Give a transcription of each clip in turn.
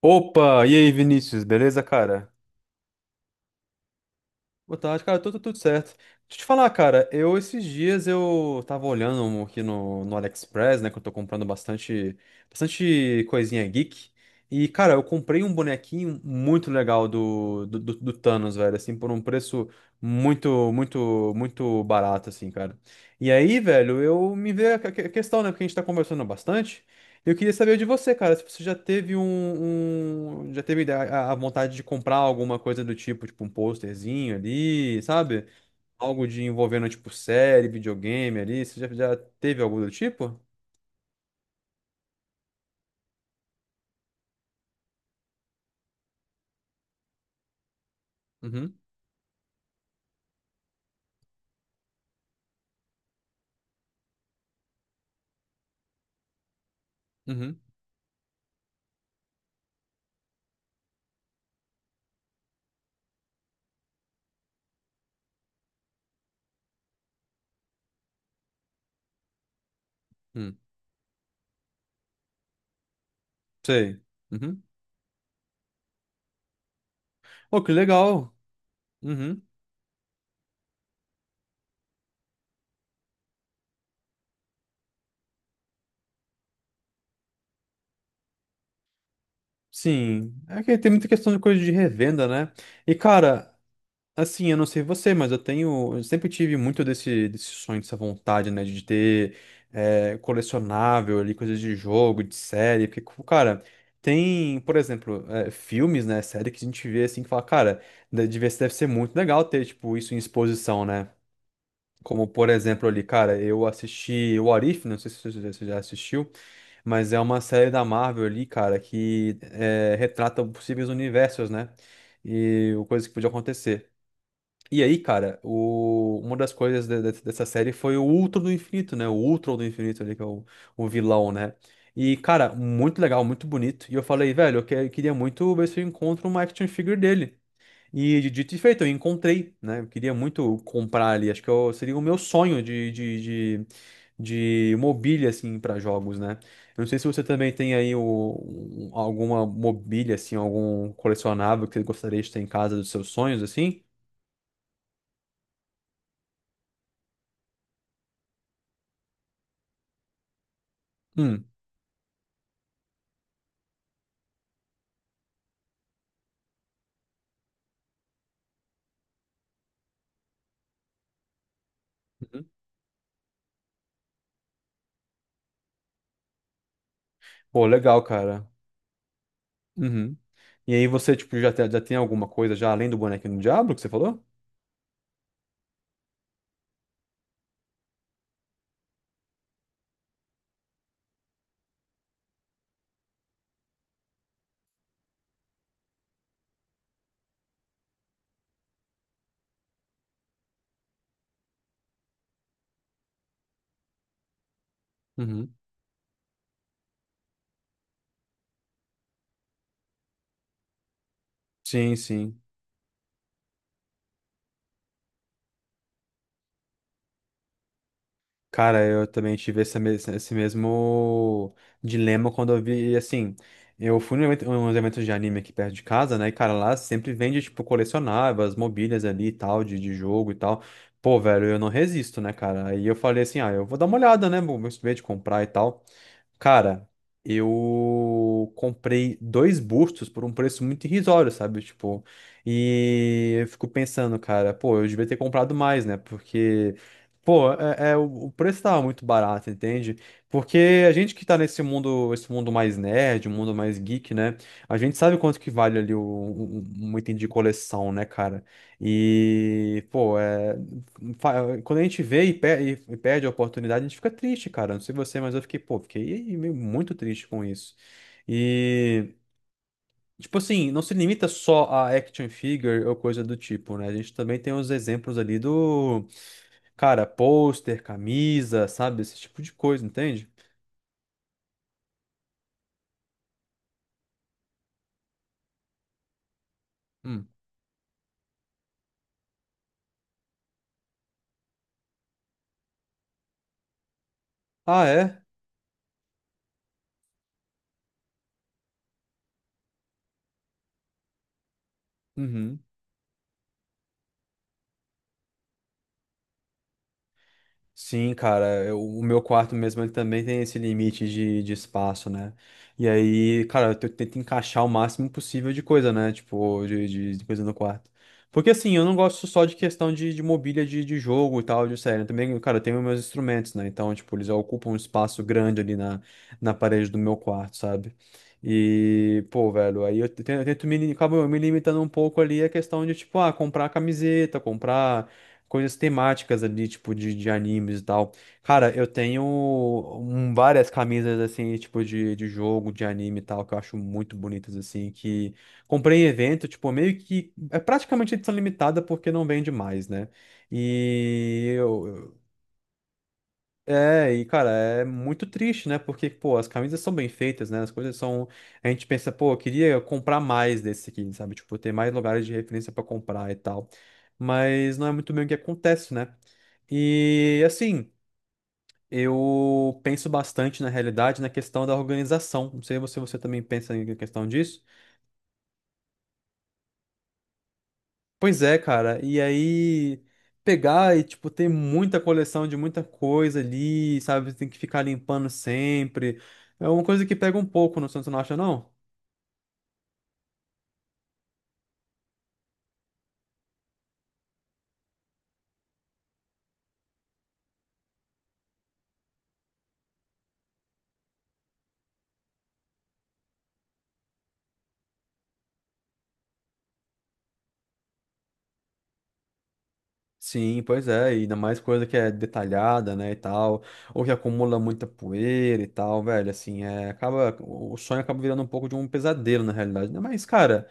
Opa, e aí, Vinícius, beleza, cara? Boa tarde, cara, tudo certo. Deixa eu te falar, cara, eu esses dias eu tava olhando um aqui no AliExpress, né, que eu tô comprando bastante, bastante coisinha geek. E, cara, eu comprei um bonequinho muito legal do Thanos, velho, assim, por um preço muito, muito, muito barato, assim, cara. E aí, velho, eu me veio a questão, né, porque a gente tá conversando bastante. Eu queria saber de você, cara, se você já teve já teve a vontade de comprar alguma coisa do tipo, tipo um posterzinho ali, sabe? Algo de envolvendo tipo série, videogame ali, você já, já teve algo do tipo? Uhum, uhum, uhum. Sei. Uhum. Oh, que legal. Uhum. Sim. É que tem muita questão de coisa de revenda, né? E cara, assim, eu não sei você, mas eu tenho, eu sempre tive muito desse, desse sonho, dessa vontade, né, de ter, eh, colecionável ali, coisas de jogo, de série, porque, cara, tem, por exemplo, eh, filmes, né, série que a gente vê assim, que fala, cara, deve ser muito legal ter, tipo, isso em exposição, né, como, por exemplo, ali, cara, eu assisti o Arif, não sei se você já assistiu, mas é uma série da Marvel ali, cara, que, eh, retrata possíveis universos, né, e coisas que podiam acontecer. E aí, cara, uma das coisas dessa série foi o Ultron do Infinito, né? O Ultron do Infinito ali, que é o vilão, né? E, cara, muito legal, muito bonito. E eu falei, velho, eu queria muito ver se eu encontro uma action figure dele. E dito e feito, eu encontrei, né? Eu queria muito comprar ali. Acho que seria o meu sonho de mobília, assim, para jogos, né? Eu não sei se você também tem aí alguma mobília, assim, algum colecionável que você gostaria de ter em casa dos seus sonhos, assim. Hum. Pô, legal, cara. Uhum. E aí você, tipo, já tem alguma coisa já além do bonequinho do Diablo que você falou? Uhum. Sim, sim. Cara, eu também tive esse mesmo dilema quando eu vi, assim, eu fui num evento, uns eventos de anime aqui perto de casa, né? E, cara, lá sempre vende, tipo, colecionáveis, mobílias ali e tal, de jogo e tal. Pô, velho, eu não resisto, né, cara? Aí eu falei assim, ah, eu vou dar uma olhada, né? Vou ver de comprar e tal. Cara, eu comprei dois bustos por um preço muito irrisório, sabe? Tipo, e eu fico pensando, cara, pô, eu devia ter comprado mais, né? Porque, pô, o preço tava muito barato, entende? Porque a gente que tá nesse mundo, esse mundo mais nerd, um mundo mais geek, né? A gente sabe quanto que vale ali um item de coleção, né, cara? E, pô, é quando a gente vê e perde a oportunidade, a gente fica triste, cara. Não sei você, mas eu fiquei, pô, fiquei meio muito triste com isso. E, tipo assim, não se limita só a action figure ou coisa do tipo, né? A gente também tem os exemplos ali do, cara, pôster, camisa, sabe? Esse tipo de coisa, entende? Hum. Ah, é? Uhum. Sim, cara, o meu quarto mesmo ele também tem esse limite de espaço, né? E aí, cara, eu tento encaixar o máximo possível de coisa, né? Tipo, de coisa no quarto. Porque assim, eu não gosto só de questão de mobília de jogo e tal, de série. Eu também, cara, eu tenho meus instrumentos, né? Então, tipo, eles ocupam um espaço grande ali na, na parede do meu quarto, sabe? E, pô, velho, aí eu tento, acabo me limitando um pouco ali a questão de, tipo, ah, comprar camiseta, comprar coisas temáticas ali, tipo, de animes e tal. Cara, eu tenho, várias camisas, assim, tipo, de jogo, de anime e tal, que eu acho muito bonitas, assim, que comprei em evento, tipo, meio que é praticamente edição limitada porque não vende mais, né? E eu, é, e cara, é muito triste, né? Porque, pô, as camisas são bem feitas, né? As coisas são. A gente pensa, pô, eu queria comprar mais desse aqui, sabe? Tipo, ter mais lugares de referência pra comprar e tal. Mas não é muito bem o que acontece, né? E, assim, eu penso bastante na realidade na questão da organização. Não sei se você também pensa em questão disso. Pois é, cara. E aí pegar e tipo ter muita coleção de muita coisa ali, sabe? Tem que ficar limpando sempre. É uma coisa que pega um pouco, não, você não acha, não? Sim, pois é, e ainda mais coisa que é detalhada, né, e tal, ou que acumula muita poeira e tal, velho, assim, é, acaba, o sonho acaba virando um pouco de um pesadelo, na realidade, né, mas, cara,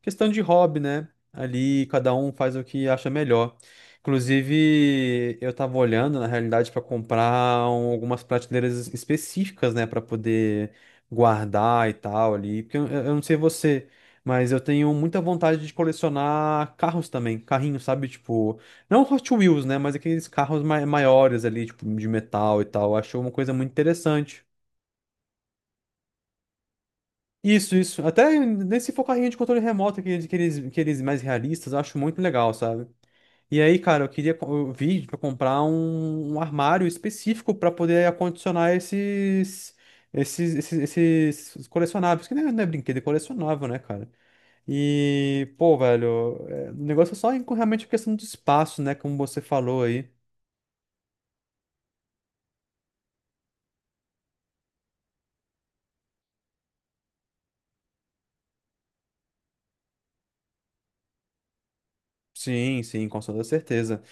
questão de hobby, né? Ali cada um faz o que acha melhor. Inclusive, eu tava olhando, na realidade, para comprar algumas prateleiras específicas, né, para poder guardar e tal ali, porque eu não sei você, mas eu tenho muita vontade de colecionar carros também, carrinhos, sabe? Tipo, não Hot Wheels, né, mas aqueles carros maiores ali, tipo, de metal e tal. Eu acho uma coisa muito interessante. Isso, isso. Até nesse for carrinho de controle remoto, aqueles mais realistas, eu acho muito legal, sabe? E aí, cara, eu queria eu vi pra comprar um, um armário específico pra poder acondicionar esses colecionáveis, que não é, não é brinquedo, é colecionável, né, cara? E, pô, velho, é, o negócio é só realmente questão de espaço, né, como você falou aí. Sim, sim, com toda certeza.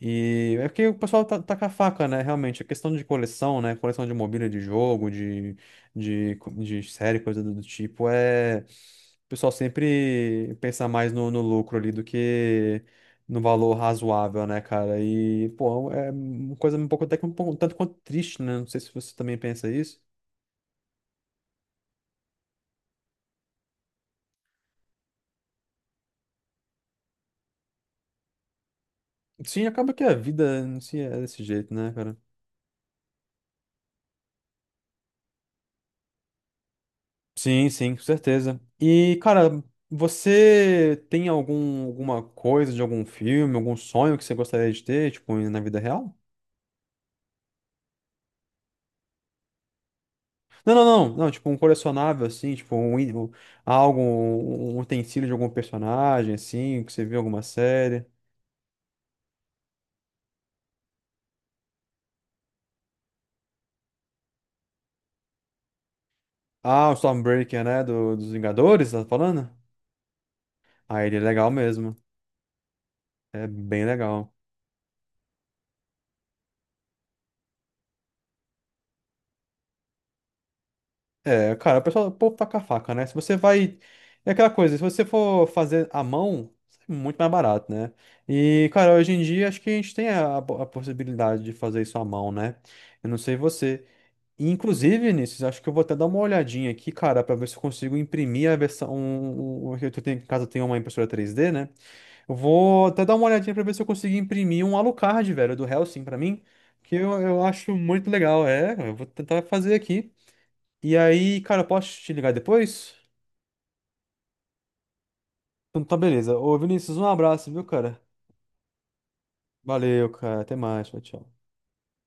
E é porque o pessoal tá com a faca, né? Realmente, a questão de coleção, né? Coleção de mobília de jogo, de, de série, coisa do tipo, é. O pessoal sempre pensa mais no lucro ali do que no valor razoável, né, cara? E, pô, é um, uma coisa um pouco até que um pouco, tanto quanto triste, né? Não sei se você também pensa isso. Sim, acaba que a vida em si é desse jeito, né, cara? Sim, sim, com certeza. E, cara, você tem algum, alguma coisa de algum filme, algum sonho que você gostaria de ter, tipo, na vida real? Não, não, não, não, tipo, um colecionável, assim, tipo, algo, um utensílio de algum personagem, assim, que você viu em alguma série. Ah, o Stormbreaker, né, do, dos Vingadores, tá falando? Ah, ele é legal mesmo, é bem legal. É, cara, o pessoal, o povo tá com a faca, né? Se você vai. É aquela coisa, se você for fazer à mão, é muito mais barato, né? E, cara, hoje em dia acho que a gente tem a possibilidade de fazer isso à mão, né? Eu não sei você. E, inclusive, Vinícius, acho que eu vou até dar uma olhadinha aqui, cara, pra ver se eu consigo imprimir a versão. Em casa eu tenho uma impressora 3D, né? Eu vou até dar uma olhadinha pra ver se eu consigo imprimir um Alucard, velho, do Hellsing pra mim, que eu acho muito legal. É, eu vou tentar fazer aqui. E aí, cara, eu posso te ligar depois? Então tá, beleza. Ô, Vinícius, um abraço, viu, cara? Valeu, cara. Até mais. Tchau, tchau.